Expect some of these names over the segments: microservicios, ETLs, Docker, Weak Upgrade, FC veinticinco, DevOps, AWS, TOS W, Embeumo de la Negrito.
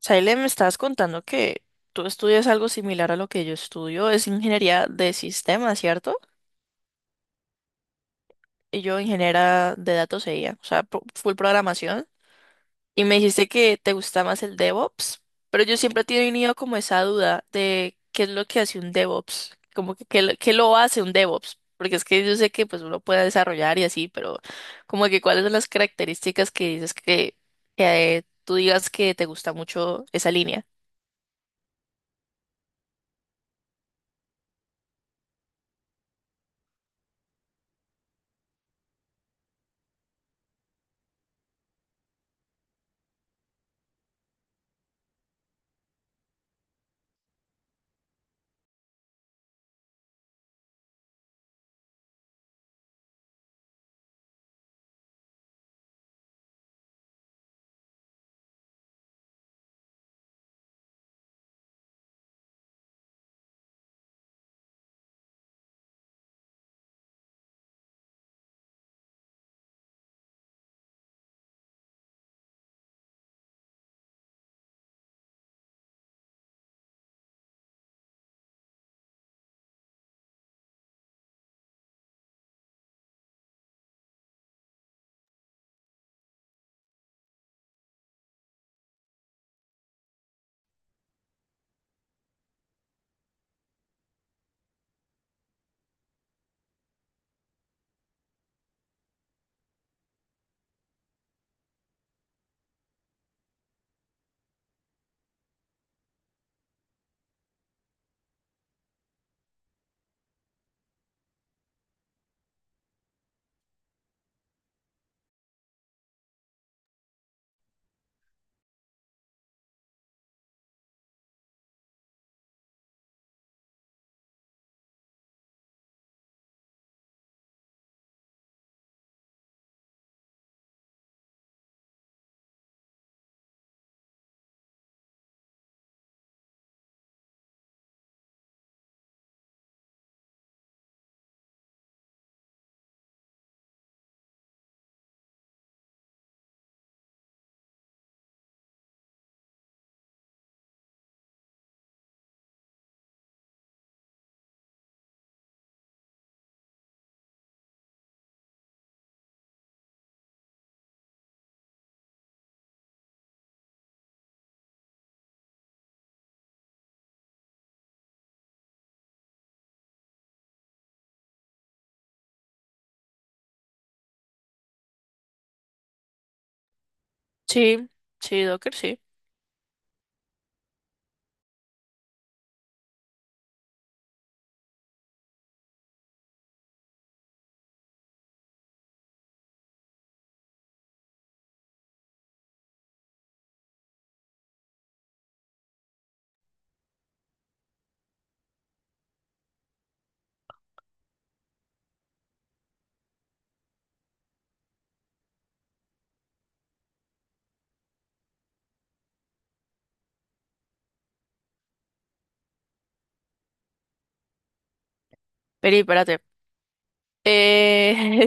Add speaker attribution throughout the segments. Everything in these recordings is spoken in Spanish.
Speaker 1: Saile, me estabas contando que tú estudias algo similar a lo que yo estudio, es ingeniería de sistemas, ¿cierto? Y yo ingeniera de datos e IA, o sea, full programación. Y me dijiste que te gusta más el DevOps, pero yo siempre he tenido como esa duda de qué es lo que hace un DevOps, como que qué lo hace un DevOps, porque es que yo sé que pues uno puede desarrollar y así, pero como que cuáles son las características que dices que tú digas que te gusta mucho esa línea. Sí, sí, Docker, sí. Peri, espérate. Eh...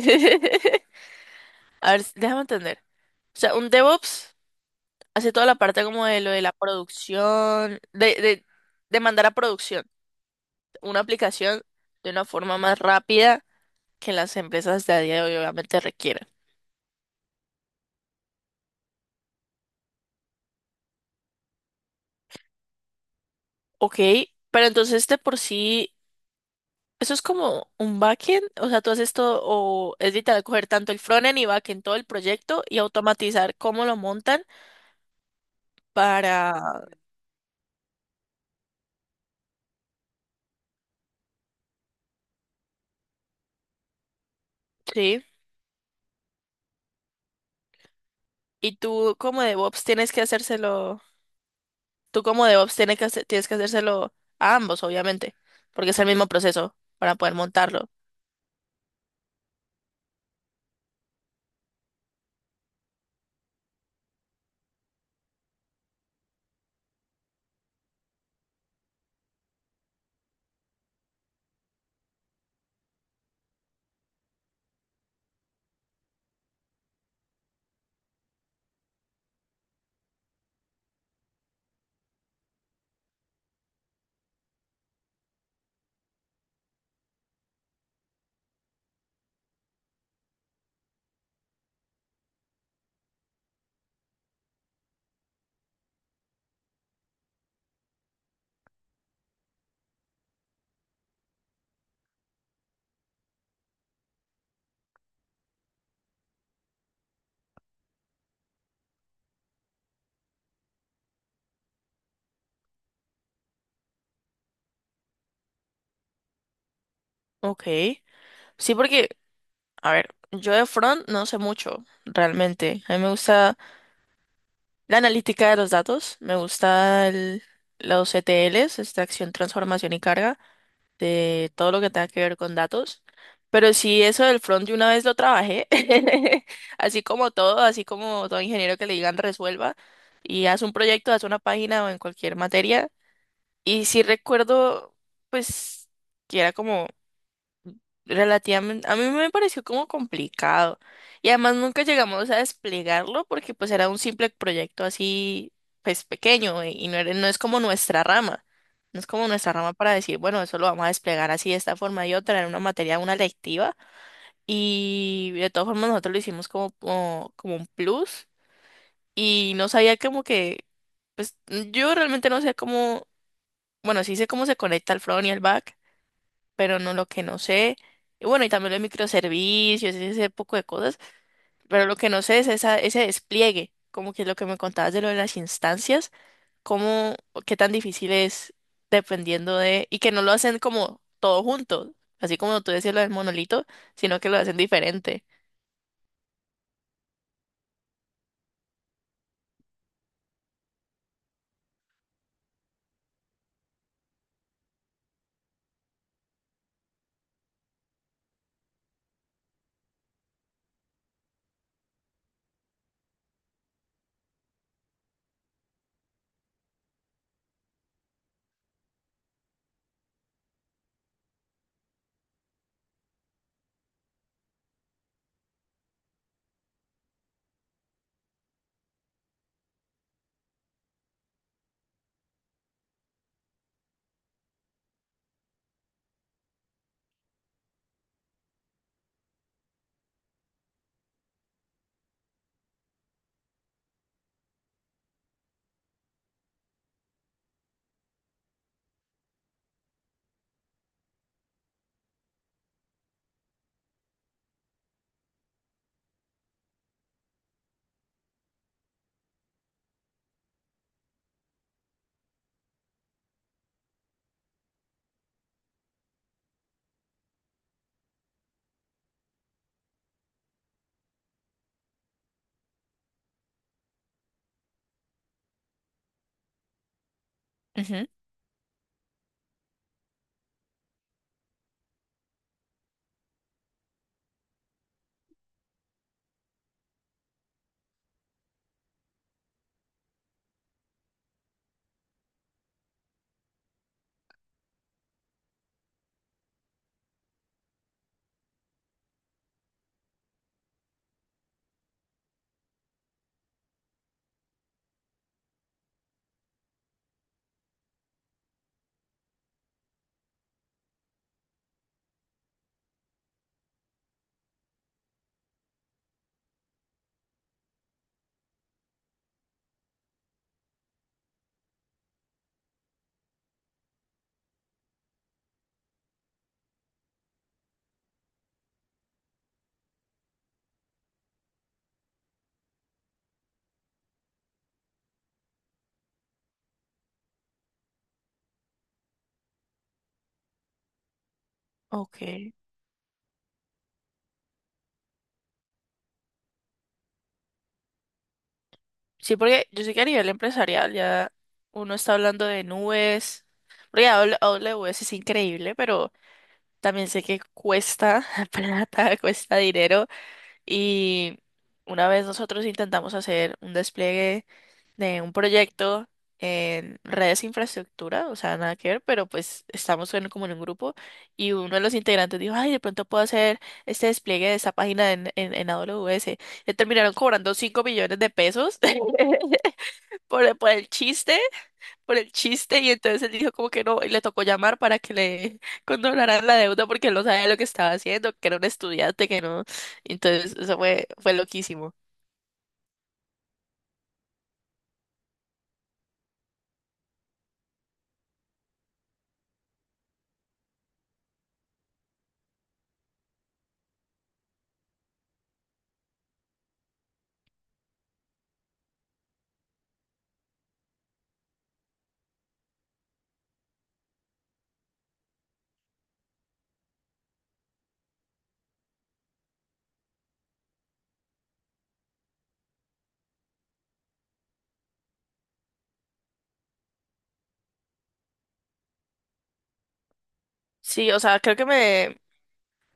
Speaker 1: A ver, déjame entender. O sea, un DevOps hace toda la parte como de lo de la producción, de mandar a producción una aplicación de una forma más rápida que las empresas de a día de hoy obviamente requieren. Ok, pero entonces de por sí, eso es como un backend, o sea, tú haces todo, o es vital coger tanto el frontend y backend, todo el proyecto y automatizar cómo lo montan para, sí. Y tú como DevOps tienes que hacérselo, tú como DevOps tienes que, tienes que hacérselo a ambos, obviamente, porque es el mismo proceso para poder montarlo. Ok. Sí, porque, a ver, yo de front no sé mucho, realmente. A mí me gusta la analítica de los datos, me gusta los ETLs, extracción, transformación y carga. De todo lo que tenga que ver con datos. Pero sí, eso del front de una vez lo trabajé, así como todo ingeniero que le digan resuelva y haz un proyecto, haz una página o en cualquier materia. Y sí recuerdo, pues, que era como relativamente, a mí me pareció como complicado. Y además nunca llegamos a desplegarlo porque pues era un simple proyecto así, pues pequeño y no, no es como nuestra rama. No es como nuestra rama para decir, bueno, eso lo vamos a desplegar así de esta forma y otra, en una materia, una lectiva. Y de todas formas nosotros lo hicimos como un plus y no sabía como que, pues yo realmente no sé cómo, bueno, sí sé cómo se conecta el front y el back pero no lo que no sé. Y bueno, y también los microservicios, ese poco de cosas, pero lo que no sé es esa, ese despliegue, como que lo que me contabas de lo de las instancias, cómo, qué tan difícil es dependiendo de, y que no lo hacen como todo junto, así como tú decías lo del monolito, sino que lo hacen diferente. Ujú. Ok. Sí, porque yo sé que a nivel empresarial ya uno está hablando de nubes, porque AWS es increíble, pero también sé que cuesta plata, cuesta dinero y una vez nosotros intentamos hacer un despliegue de un proyecto en redes de infraestructura, o sea, nada que ver, pero pues estamos en, como en un grupo y uno de los integrantes dijo, ay, de pronto puedo hacer este despliegue de esta página en AWS. Le terminaron cobrando 5.000.000 de pesos. por, el- por el chiste, por el chiste, y entonces él dijo como que no, y le tocó llamar para que le condonaran la deuda porque él no sabía lo que estaba haciendo, que era un estudiante, que no. Entonces, eso fue, fue loquísimo. Sí, o sea, creo que me,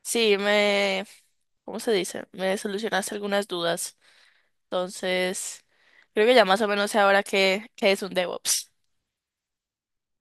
Speaker 1: sí, me, ¿cómo se dice? Me solucionaste algunas dudas. Entonces, creo que ya más o menos sé ahora qué, qué es un DevOps.